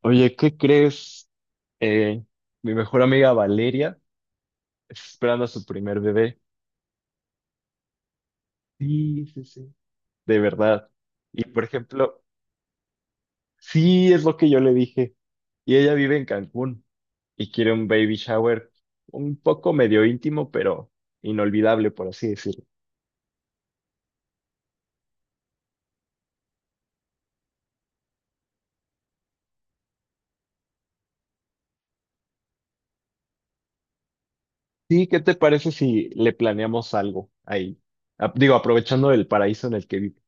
Oye, ¿qué crees? Eh, mi mejor amiga Valeria está esperando a su primer bebé. Sí, sí, sí. De verdad. Y por ejemplo, sí es lo que yo le dije. Y ella vive en Cancún y quiere un baby shower un poco medio íntimo, pero inolvidable, por así decirlo. Sí, ¿qué te parece si le planeamos algo ahí? Digo, aprovechando el paraíso en el que vive.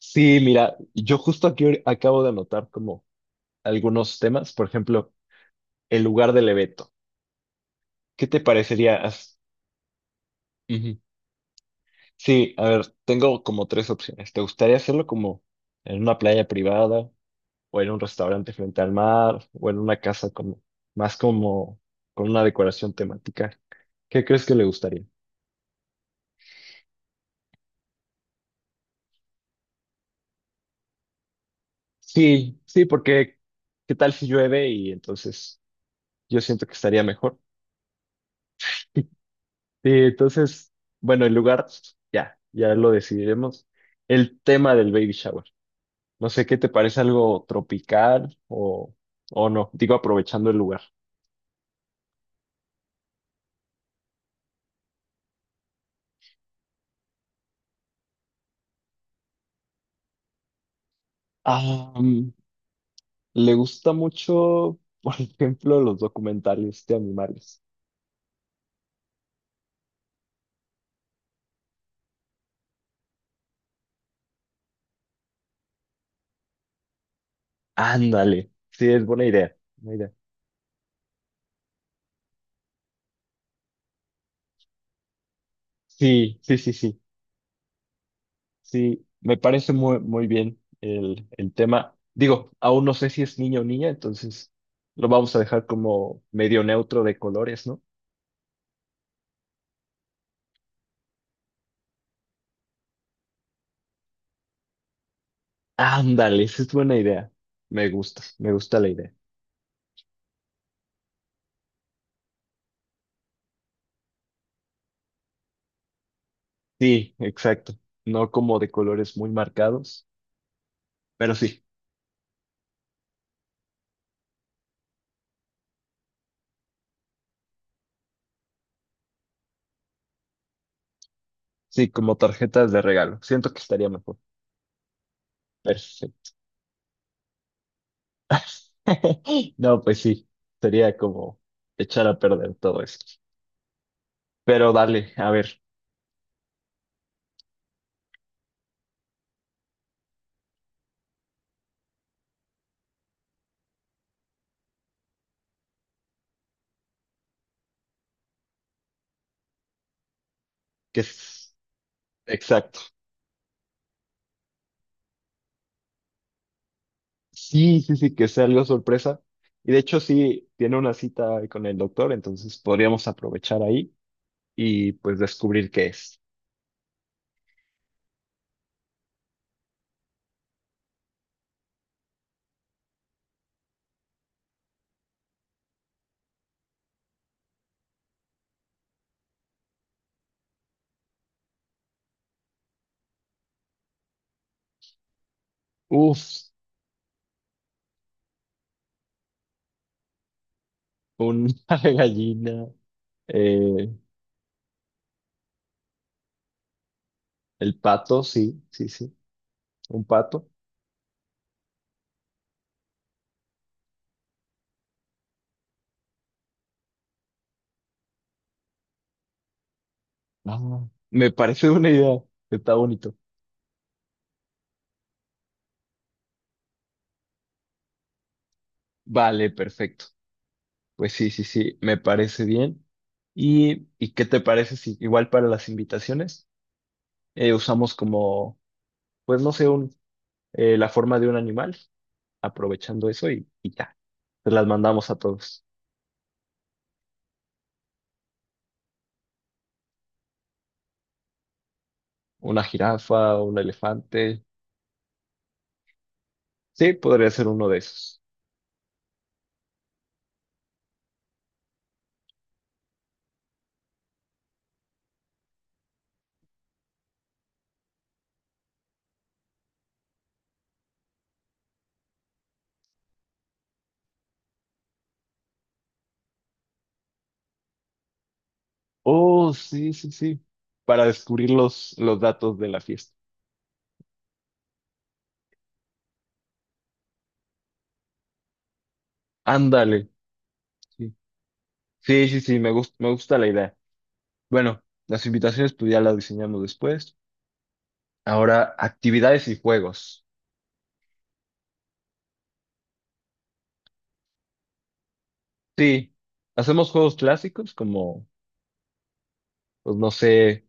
Sí, mira, yo justo aquí acabo de anotar como algunos temas, por ejemplo. El lugar del evento. ¿Qué te parecería? Ujú. Sí, a ver, tengo como tres opciones. ¿Te gustaría hacerlo como en una playa privada o en un restaurante frente al mar o en una casa como más como con una decoración temática? ¿Qué crees que le gustaría? Sí, sí, porque ¿qué tal si llueve y entonces yo siento que estaría mejor? Sí, entonces, bueno, el lugar ya lo decidiremos. El tema del baby shower. No sé, ¿qué te parece algo tropical o no? Digo, aprovechando el lugar. Ah, mm, Le gusta mucho, por ejemplo, los documentales de animales. Ándale, sí, es buena idea, buena idea. Sí, sí, sí, sí, sí, me parece muy, muy bien el tema. Digo, aún no sé si es niño o niña, entonces lo vamos a dejar como medio neutro de colores, ¿no? Ándale, esa es buena idea. Me gusta la idea. Sí, exacto. No como de colores muy marcados, pero sí, sí, como tarjetas de regalo. Siento que estaría mejor. Pero no, pues sí, sería como echar a perder todo esto. Pero dale, a ver, que es exacto. Sí, sí, sí, que sea algo sorpresa. Y de hecho, sí, tiene una cita con el doctor, entonces podríamos aprovechar ahí y pues descubrir qué es. Uf, una gallina, eh, el pato, sí, sí, sí. Un pato. No, me parece una idea. Está bonito. Vale, perfecto. Pues sí, sí, sí, me parece bien. Y qué te parece si igual para las invitaciones usamos como, pues no sé, un, la forma de un animal, aprovechando eso y ya, se las mandamos a todos. Una jirafa, un elefante. Sí, podría ser uno de esos. Oh, sí, sí, sí. Para descubrir los datos de la fiesta. Ándale. Sí, sí, sí, sí, me gusta la idea. Bueno, las invitaciones pues ya las diseñamos después. Ahora, actividades y juegos. Sí, hacemos juegos clásicos como, pues no sé,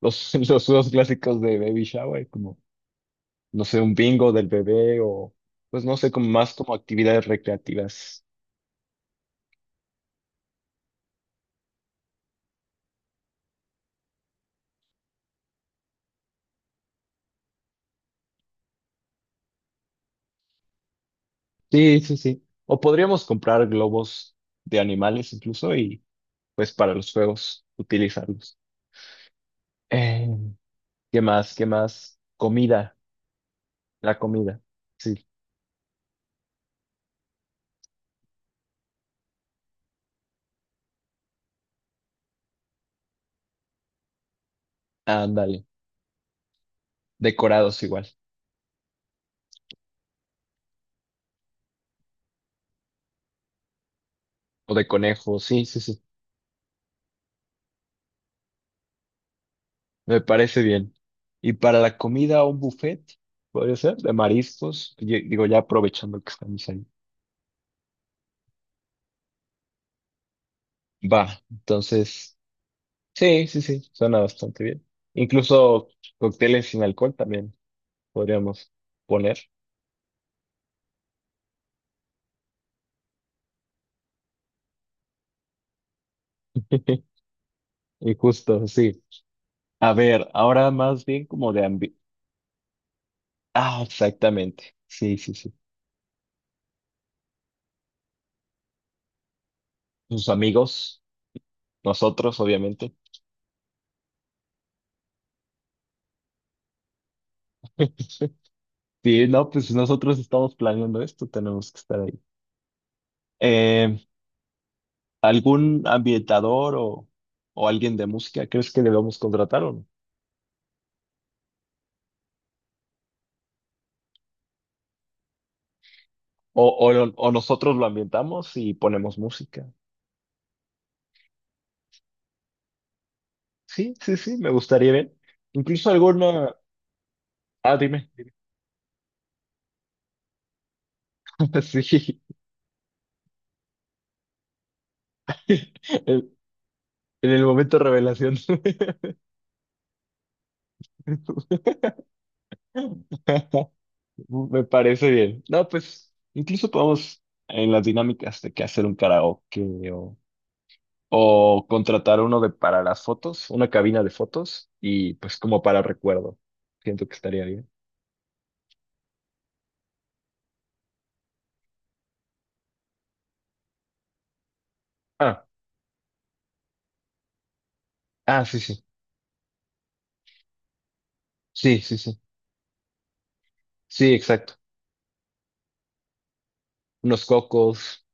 los, los juegos clásicos de baby shower, como, no sé, un bingo del bebé o, pues no sé, como más como actividades recreativas. Sí, sí, sí. O podríamos comprar globos de animales incluso y, pues, para los juegos utilizarlos. Eh, ¿Qué más? ¿Qué más? Comida, la comida. Sí, ándale. Decorados igual. O de conejo, sí, sí, sí. Me parece bien. Y para la comida, un buffet, podría ser, de mariscos. Digo, ya aprovechando que estamos ahí. Va, entonces, sí, sí, sí, suena bastante bien. Incluso cócteles sin alcohol también podríamos poner. Y justo, sí. A ver, ahora más bien como de ambi... Ah, exactamente. Sí, sí, sí. Sus amigos, nosotros, obviamente. Sí, no, pues nosotros estamos planeando esto, tenemos que estar ahí. Eh, ¿Algún ambientador o alguien de música crees que debemos contratar o no? O, o nosotros lo ambientamos y ponemos música. Sí, sí, sí, me gustaría ver. Incluso alguna... Ah, dime. Sí. En el momento revelación. Me parece bien. No, pues incluso podemos en las dinámicas de que hacer un karaoke o contratar uno de para las fotos, una cabina de fotos y pues como para recuerdo. Siento que estaría bien. Ah, ah, sí, sí. Sí, sí, sí. Sí, exacto. Unos cocos.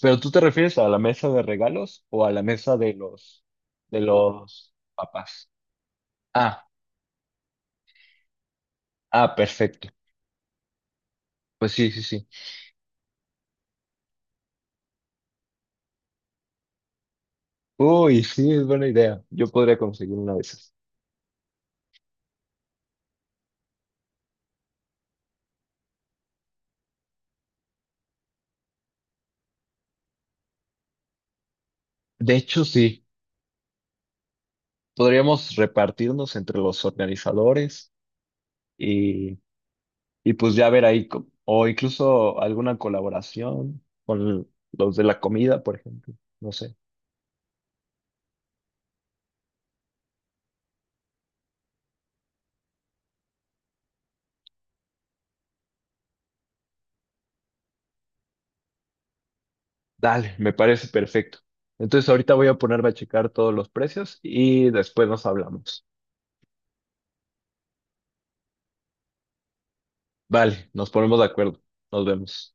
Pero ¿tú te refieres a la mesa de regalos o a la mesa de los papás? Ah, ah, perfecto. Pues sí, sí, sí. Uy, sí, es buena idea. Yo podría conseguir una de esas. De hecho, sí. Podríamos repartirnos entre los organizadores y Y pues ya ver ahí, o incluso alguna colaboración con los de la comida, por ejemplo. No sé. Dale, me parece perfecto. Entonces ahorita voy a ponerme a checar todos los precios y después nos hablamos. Vale, nos ponemos de acuerdo. Nos vemos.